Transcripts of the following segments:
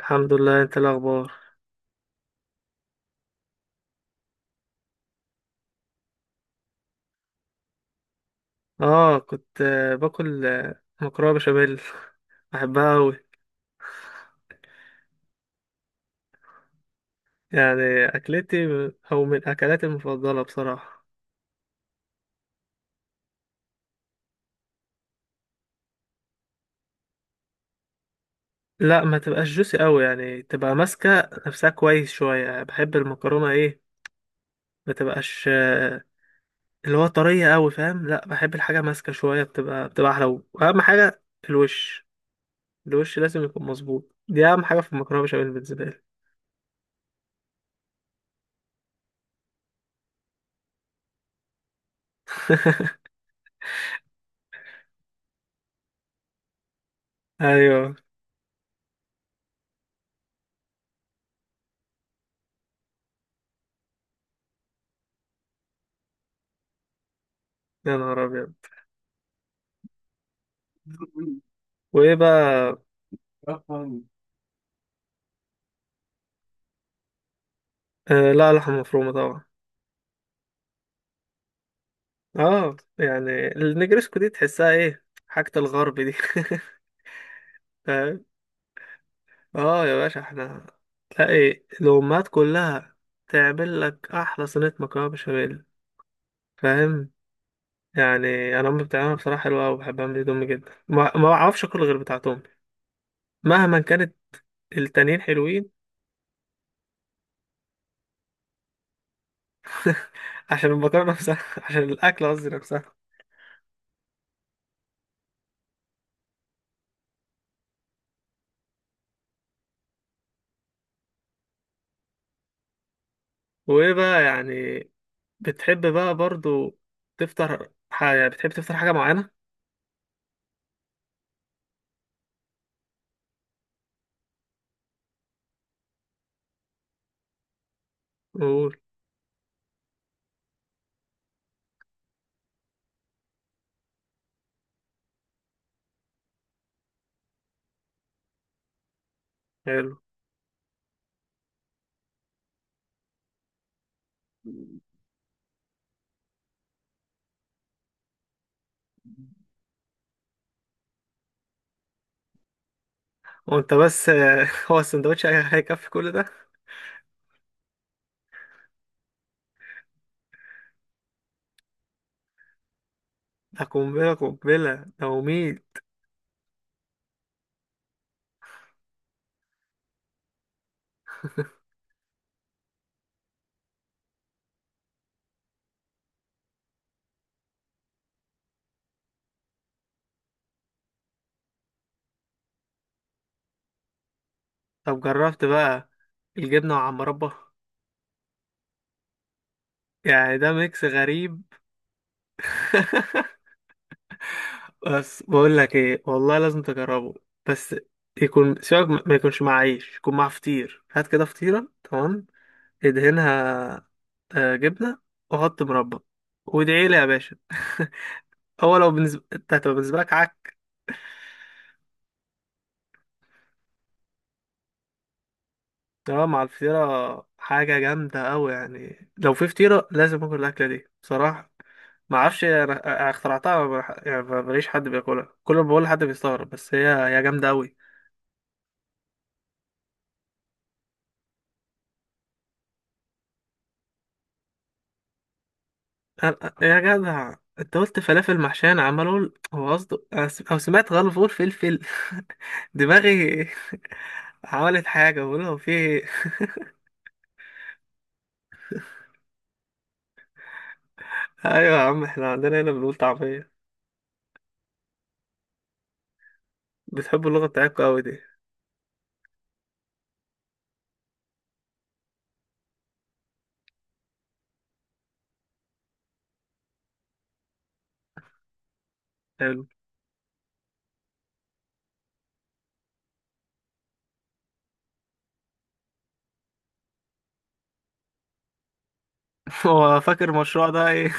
الحمد لله، انت إيه الاخبار؟ اه كنت باكل مكرونه بشاميل. بحبها قوي. يعني اكلتي، او من اكلاتي المفضله بصراحه. لا، ما تبقاش جوسي قوي، يعني تبقى ماسكه نفسها كويس شويه، يعني بحب المكرونه، ايه ما تبقاش اللي هو طريه قوي، فاهم. لا، بحب الحاجه ماسكه شويه، بتبقى احلى. واهم حاجه الوش. الوش لازم يكون مظبوط، دي اهم حاجه في المكرونه بشاميل بالنسبه لي. ايوه. يا نهار ابيض. وايه بقى؟ آه، لا، لحمة مفرومة طبعا. اه، يعني النجرسكو دي تحسها ايه، حاجة الغرب دي. فاهم. اه يا باشا، احنا تلاقي الأمهات كلها تعمل لك أحلى صينية مكرونة بشاميل. فاهم. يعني أنا أمي بتعملها بصراحة حلوة أوي، بحب أعمل دي، أمي جدا ما بعرفش أكل غير بتاعت أمي مهما كانت. التانيين حلوين عشان المكرونة نفسها، عشان الأكل قصدي نفسها. وإيه بقى يعني، بتحب بقى برضو تفطر حاجة، بتحب تفطر حاجة معينة؟ قول. حلو. وانت بس هو السندوتش هيكفي كل ده؟ ده قنبلة، قنبلة، ده وميل. طب جربت بقى الجبنة مع مربى؟ يعني ده ميكس غريب. بس بقول لك ايه والله، لازم تجربه. بس يكون سيبك، ما يكونش مع عيش، يكون مع فطير. هات كده فطيرة، تمام. ادهنها، جبنة، وحط مربى، وادعي لي يا باشا. هو لو بالنسبة انت، هتبقى بالنسبة لك. اه، مع الفطيرة حاجة جامدة أوي، يعني لو في فطيرة لازم آكل الأكلة دي بصراحة. ما اعرفش، انا اخترعتها. ما بح- يعني ماليش حد بياكلها، كل ما بقول لحد بيستغرب، بس هي جامدة أوي. يا جدع انت قلت فلافل محشية، انا عمال اقول هو قصده، او سمعت غلط بقول فلفل. دماغي. عملت حاجة بقول هو في ايه. ايوه يا عم، احنا عندنا هنا بنقول طعمية. بتحبوا اللغة بتاعتكم أوي دي. حلو. هو فاكر المشروع ده ايه؟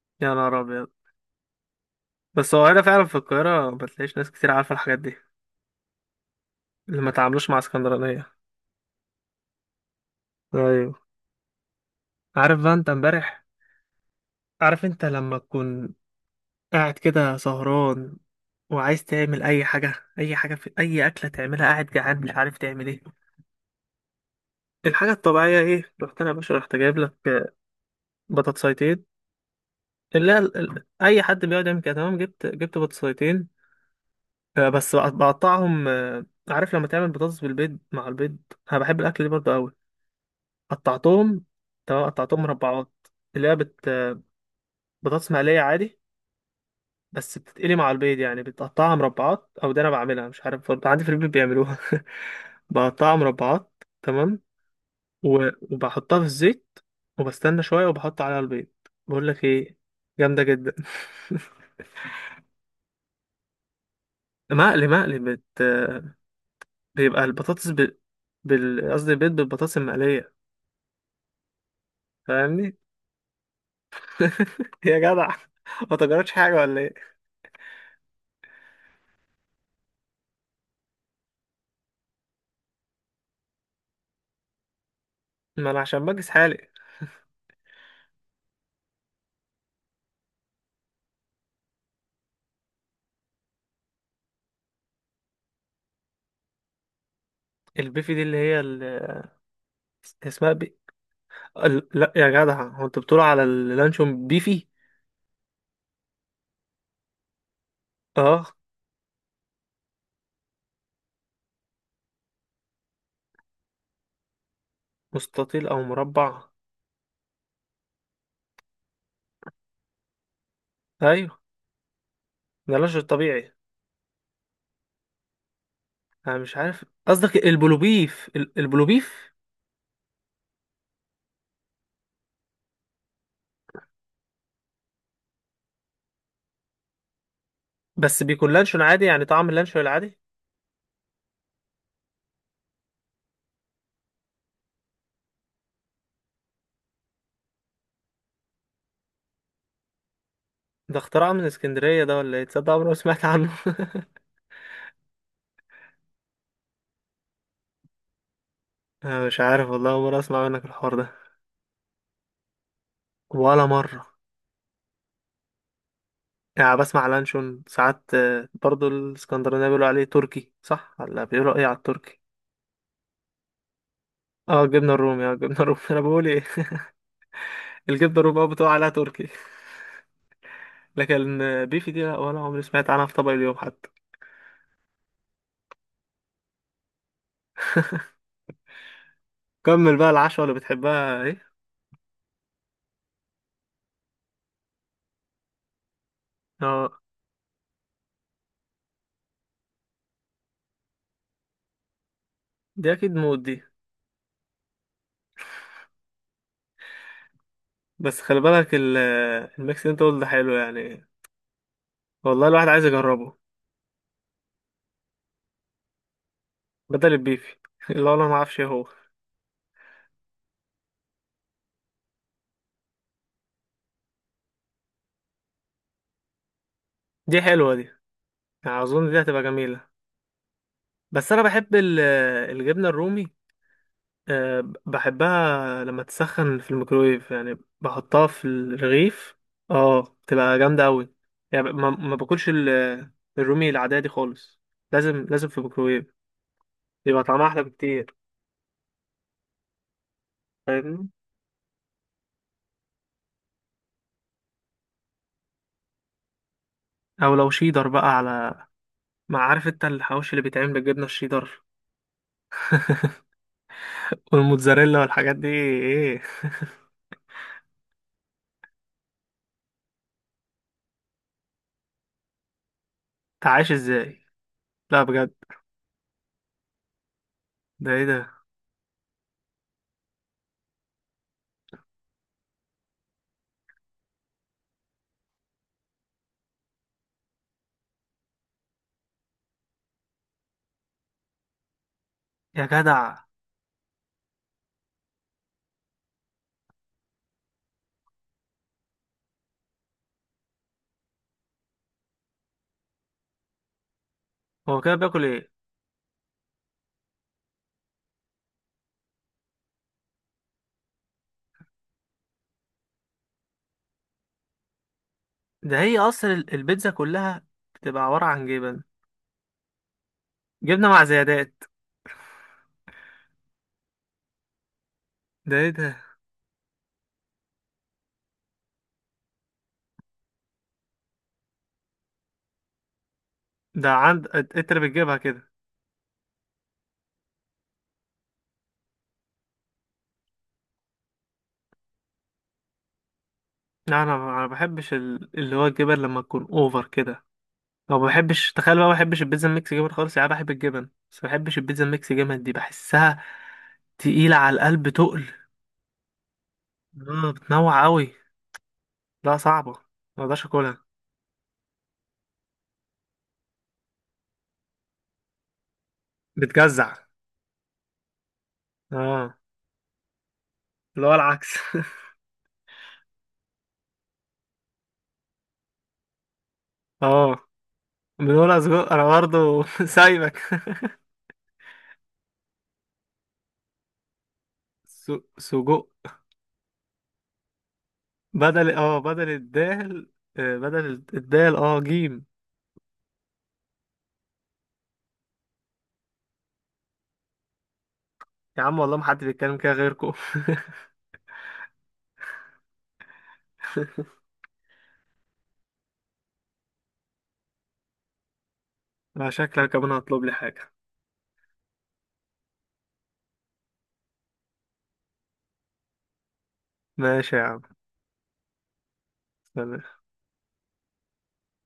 يا نهار أبيض. بس هو هنا فعلا في القاهرة ما تلاقيش ناس كتير عارفة الحاجات دي. اللي ما تعاملوش مع اسكندرانية. ايوه. عارف بقى انت امبارح، عارف انت لما تكون قاعد كده سهران وعايز تعمل اي حاجة، اي حاجة في اي اكلة تعملها، قاعد جعان مش عارف تعمل ايه. الحاجة الطبيعية ايه، رحت انا يا باشا، رحت جايب لك بطاطسيتين. اللي هي اي حد بيقعد يعمل كده تمام، جبت بطاطسيتين. بس بقطعهم. عارف لما تعمل بطاطس بالبيض مع البيض. انا بحب الاكل دي برضه. قطعتهم، تمام، قطعتهم مربعات. اللي هي بطاطس مقلية عادي. بس بتتقلي مع البيض، يعني بتقطعها مربعات أو ده. أنا بعملها، مش عارف برضه عندي في البيت بيعملوها. بقطعها مربعات تمام. و... وبحطها في الزيت، وبستنى شوية، وبحط عليها البيض. بقول لك إيه؟ جامدة جدا. مقلي، مقلي. بيبقى البطاطس ب... بال قصدي، البيض بالبطاطس المقلية. فاهمني؟ يا جدع، ما تجربتش حاجة ولا إيه؟ ما أنا عشان بجس حالي. البيفي دي اللي هي اسمها لا يا جدع، هو انت بتقول على اللانشون بيفي؟ اه، مستطيل او مربع. ايوه. ده لانشون طبيعي. انا مش عارف قصدك البلوبيف، البلوبيف. بس بيكون لانشون عادي، يعني طعم اللانشون العادي. ده اختراع من اسكندرية ده ولا ايه؟ تصدق عمري ما سمعت عنه. انا مش عارف والله، أول مرة اسمع منك الحوار ده. ولا مرة. يعني بسمع لانشون ساعات، برضو الاسكندرانية بيقولوا عليه تركي صح، ولا بيقولوا ايه على التركي؟ اه جبنة الرومي، اه جبنة الرومي. انا بقول ايه؟ الكبده الرباعي بتقع عليها تركي. لكن بيفي دي لا، ولا عمري سمعت عنها في طبق اليوم حتى. كمل بقى العشوة اللي بتحبها ايه. اه، دي اكيد موت دي. بس خلي بالك الميكس اللي انت قلت ده حلو يعني. والله الواحد عايز يجربه بدل البيفي. اللي هو انا ما اعرفش ايه هو. دي حلوه دي، يعني اظن دي هتبقى جميله. بس انا بحب الجبنه الرومي. أه بحبها لما تسخن في الميكرويف يعني، بحطها في الرغيف. اه بتبقى جامدة أوي، يعني ما باكلش الرومي العادية دي خالص. لازم، لازم في الميكرويف. يبقى طعمها أحلى بكتير. فاهمني؟ أو لو شيدر بقى على، ما عارف انت الحواوشي اللي بيتعمل بالجبنة الشيدر؟ والموتزاريلا والحاجات دي ايه؟ انت عايش ازاي؟ لا بجد، ده ايه ده يا جدع؟ هو كده بياكل ايه؟ ده هي اصلا البيتزا كلها بتبقى عبارة عن جبن. جبنة مع زيادات. ده ايه ده؟ ده عند انت اللي بتجيبها كده؟ لا انا ما بحبش اللي هو الجبن لما تكون اوفر كده. او ما بحبش، تخيل بقى، ما بحبش البيتزا الميكس جبن خالص، يعني أنا بحب الجبن بس ما بحبش البيتزا الميكس جبن دي، بحسها تقيلة على القلب تقل. اه بتنوع قوي، لا صعبة ما اقدرش اكلها. بتجزع. اه، اللي هو العكس. اه، بنقول سجق انا برضه. سايبك. س- سجق. بدل بدل الدال، بدل الدال جيم. يا عم والله، ما حد بيتكلم كده غيركم. لا شكلك كمان هطلب لي حاجة. ماشي يا عم. سلام.